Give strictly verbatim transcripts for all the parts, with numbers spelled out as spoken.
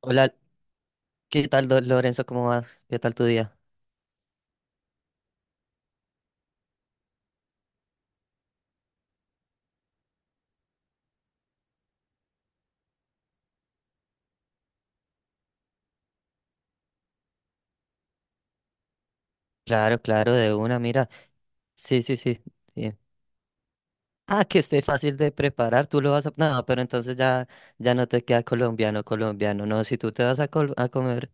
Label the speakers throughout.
Speaker 1: Hola, ¿qué tal, do- Lorenzo? ¿Cómo vas? ¿Qué tal tu día? Claro, claro, de una, mira. Sí, sí, sí. Bien. Ah, que esté fácil de preparar, tú lo vas a... No, pero entonces ya, ya no te queda colombiano, colombiano. No, si tú te vas a, col- a comer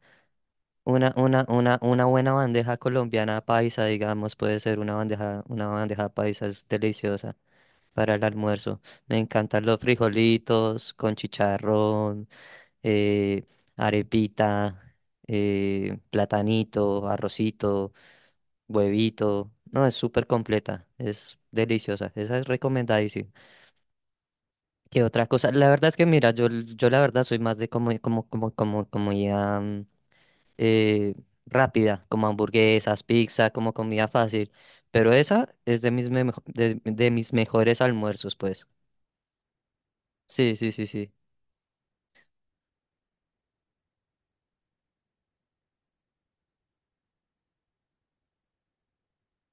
Speaker 1: una, una, una, una buena bandeja colombiana paisa, digamos, puede ser una bandeja, una bandeja paisa, es deliciosa para el almuerzo. Me encantan los frijolitos con chicharrón, eh, arepita, eh, platanito, arrocito, huevito. No, es súper completa, es deliciosa, esa es recomendadísima. ¿Qué otra cosa? La verdad es que mira, yo, l- yo la verdad soy más de como, como, como, como comida mm, eh, rápida, como hamburguesas, pizza, como comida fácil. Pero esa es de mis, me- de, de mis mejores almuerzos, pues. Sí, sí, sí, sí.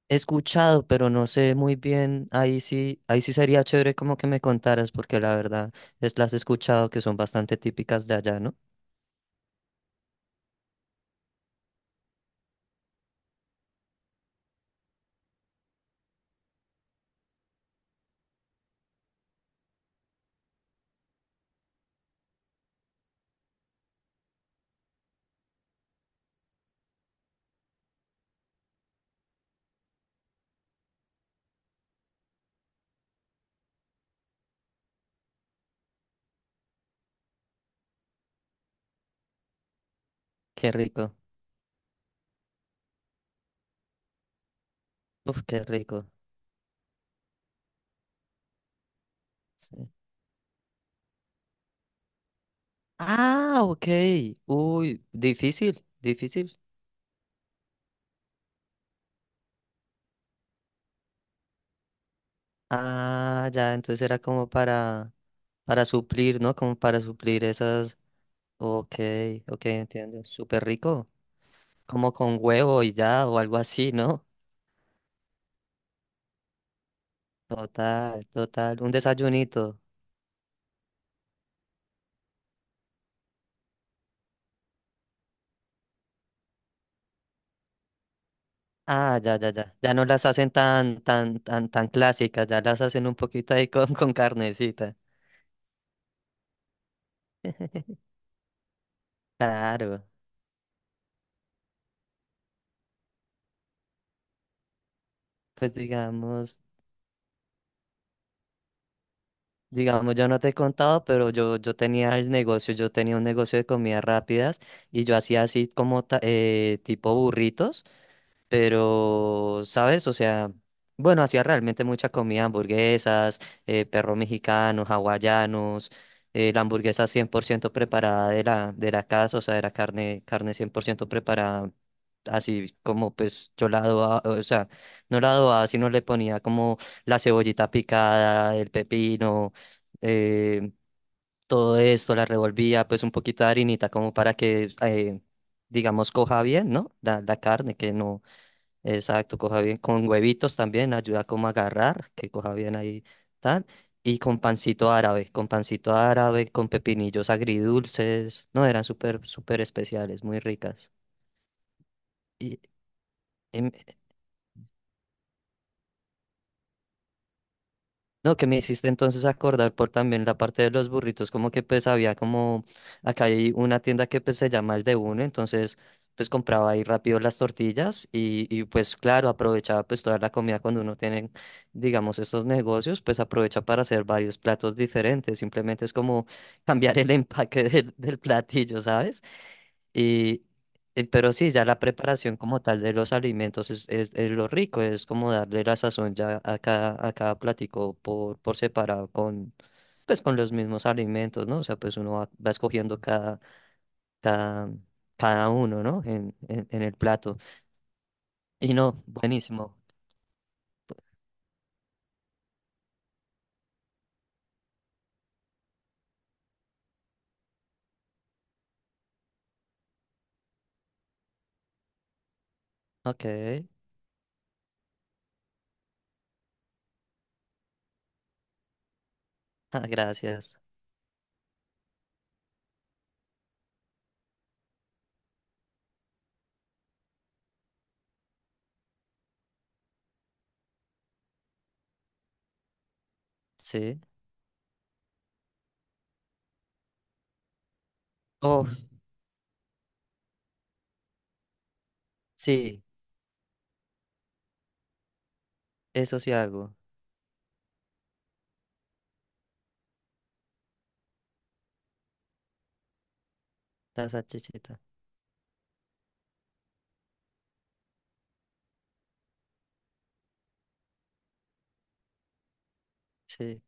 Speaker 1: He escuchado, pero no sé muy bien. Ahí sí, ahí sí sería chévere como que me contaras, porque la verdad es las he escuchado que son bastante típicas de allá, ¿no? Qué rico. Uf, qué rico. Sí. Ah, ok. Uy, difícil, difícil. Ah, ya, entonces era como para, para suplir, ¿no? Como para suplir esas. Ok, ok, entiendo. Súper rico. Como con huevo y ya, o algo así, ¿no? Total, total. Un desayunito. Ah, ya, ya, ya. Ya no las hacen tan, tan, tan, tan clásicas, ya las hacen un poquito ahí con, con carnecita. Claro. Pues digamos. Digamos, yo no te he contado, pero yo, yo tenía el negocio, yo tenía un negocio de comidas rápidas y yo hacía así como ta- eh, tipo burritos. Pero, ¿sabes? O sea, bueno, hacía realmente mucha comida, hamburguesas, eh, perros mexicanos, hawaianos, eh, la hamburguesa cien por ciento preparada de la, de la casa, o sea, era carne, carne cien por ciento preparada, así como pues yo la adobaba, o sea, no la adobaba, sino le ponía como la cebollita picada, el pepino, eh, todo esto, la revolvía, pues un poquito de harinita como para que, eh, digamos, coja bien, ¿no? La, la carne, que no. Exacto, coja bien con huevitos también, ayuda como a agarrar, que coja bien ahí, tal. Y con pancito árabe, con pancito árabe, con pepinillos agridulces. No, eran súper, súper especiales, muy ricas. Y, em, No, que me hiciste entonces acordar por también la parte de los burritos, como que pues había como, acá hay una tienda que pues se llama El de Uno, entonces pues compraba ahí rápido las tortillas y, y pues claro, aprovechaba pues toda la comida cuando uno tiene, digamos, estos negocios, pues aprovecha para hacer varios platos diferentes, simplemente es como cambiar el empaque del, del platillo, ¿sabes? Y, y- pero sí, ya la preparación como tal de los alimentos es, es, es lo rico, es como darle la sazón ya a cada, a cada platico por, por separado con, pues, con los mismos alimentos, ¿no? O sea, pues uno va, va escogiendo cada, cada, cada uno, ¿no? En, en, en el plato. Y no, buenísimo. Ok, ah, gracias. Sí. Oh, sí, eso sí hago, la salchichita. Sí.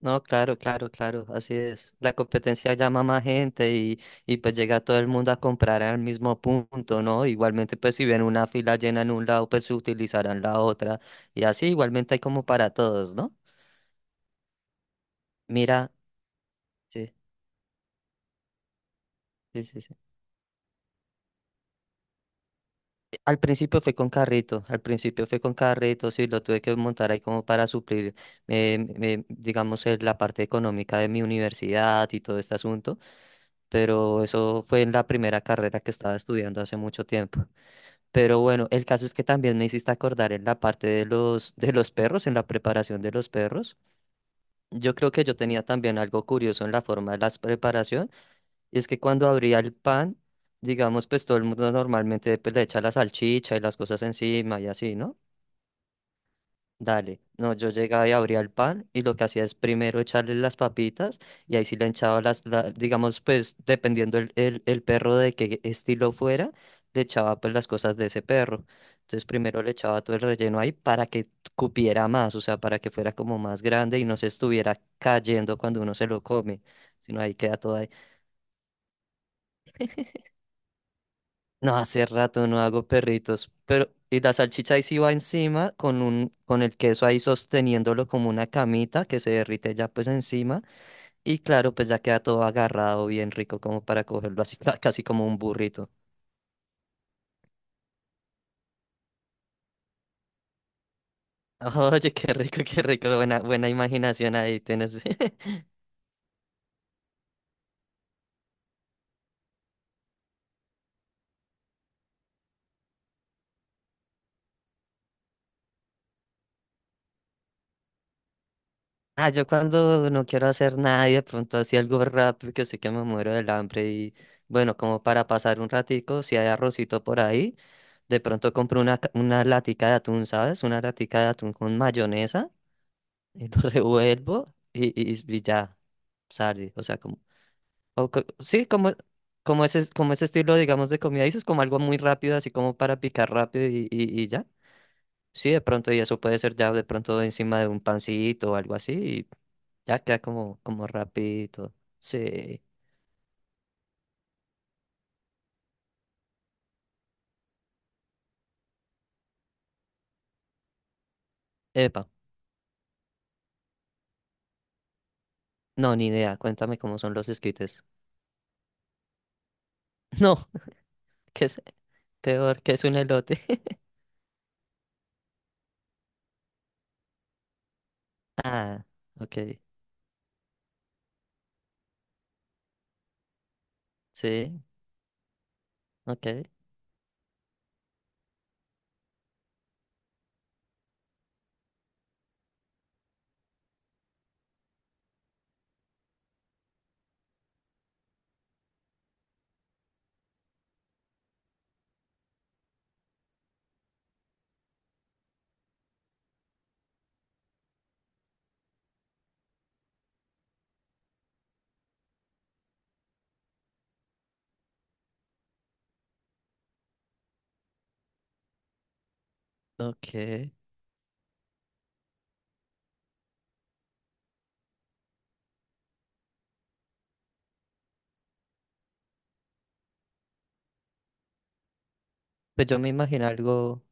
Speaker 1: No, claro, claro, claro, así es. La competencia llama a más gente y, y pues llega todo el mundo a comprar al mismo punto, ¿no? Igualmente, pues si ven una fila llena en un lado, pues utilizarán la otra. Y así igualmente hay como para todos, ¿no? Mira, sí, sí, sí, sí. Al principio fue con carrito, al principio fue con carrito, sí, lo tuve que montar ahí como para suplir, eh, eh, digamos, eh, la parte económica de mi universidad y todo este asunto, pero eso fue en la primera carrera que estaba estudiando hace mucho tiempo. Pero bueno, el caso es que también me hiciste acordar en la parte de los, de los perros, en la preparación de los perros. Yo creo que yo tenía también algo curioso en la forma de la preparación, y es que cuando abría el pan, digamos, pues todo el mundo normalmente pues, le echa la salchicha y las cosas encima y así, ¿no? Dale, no, yo llegaba y abría el pan y lo que hacía es primero echarle las papitas y ahí sí le echaba las, la- digamos, pues dependiendo el, el, el perro de qué estilo fuera, le echaba pues las cosas de ese perro. Entonces primero le echaba todo el relleno ahí para que cupiera más, o sea, para que fuera como más grande y no se estuviera cayendo cuando uno se lo come, sino ahí queda todo. No, hace rato no hago perritos, pero y la salchicha ahí sí va encima con un con el queso ahí sosteniéndolo como una camita que se derrite ya pues encima y claro, pues ya queda todo agarrado bien rico como para cogerlo así casi como un burrito. Oye, qué rico, qué rico, buena buena imaginación ahí tienes. Ah, yo cuando no quiero hacer nada y de pronto así algo rápido que sé que me muero del hambre y bueno, como para pasar un ratico, si hay arrocito por ahí. De pronto compro una, ca- una latica de atún, ¿sabes? Una latica de atún con mayonesa y lo revuelvo y, y, y ya sale. O sea, como, o co- sí, como, como ese, como ese estilo, digamos, de comida. Dices como algo muy rápido, así como para picar rápido y, y, y ya. Sí, de pronto, y eso puede ser ya de pronto encima de un pancito o algo así y ya queda como, como rapidito. Sí. Epa. No, ni idea. Cuéntame cómo son los esquites. No, que es peor que es un elote. Ah, ok. Sí, ok, ok. Pues yo me imagino algo,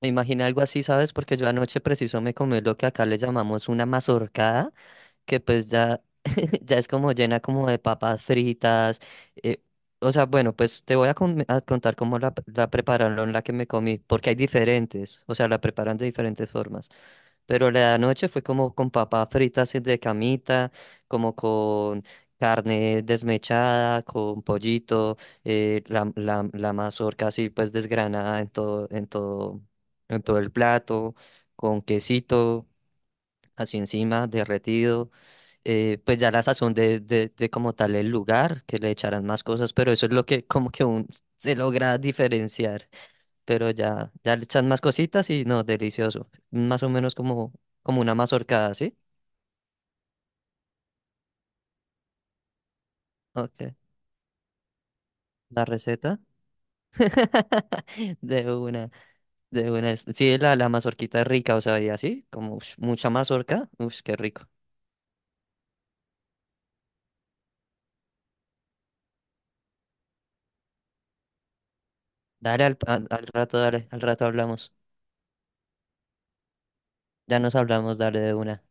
Speaker 1: me imagino algo así, ¿sabes? Porque yo anoche preciso me comí lo que acá le llamamos una mazorcada, que pues ya, ya es como llena como de papas fritas. eh, o sea, bueno, pues te voy a, con- a contar cómo la, la prepararon, la que me comí, porque hay diferentes, o sea, la preparan de diferentes formas. Pero la noche fue como con papas fritas así de camita, como con carne desmechada, con pollito, eh, la, la, la mazorca así pues desgranada en todo, en todo, en todo, el plato, con quesito así encima, derretido. Eh, pues ya la sazón de, de, de como tal el lugar, que le echarán más cosas, pero eso es lo que como que un, se logra diferenciar pero ya, ya le echan más cositas y no, delicioso. Más o menos como, como una mazorcada, ¿sí? Ok, la receta. De una, de una. es- Sí, la, la mazorquita es rica, o sea, y así, como ush, mucha mazorca. Uff, qué rico. Dale al, al al rato, dale, al rato hablamos. Ya nos hablamos, dale de una.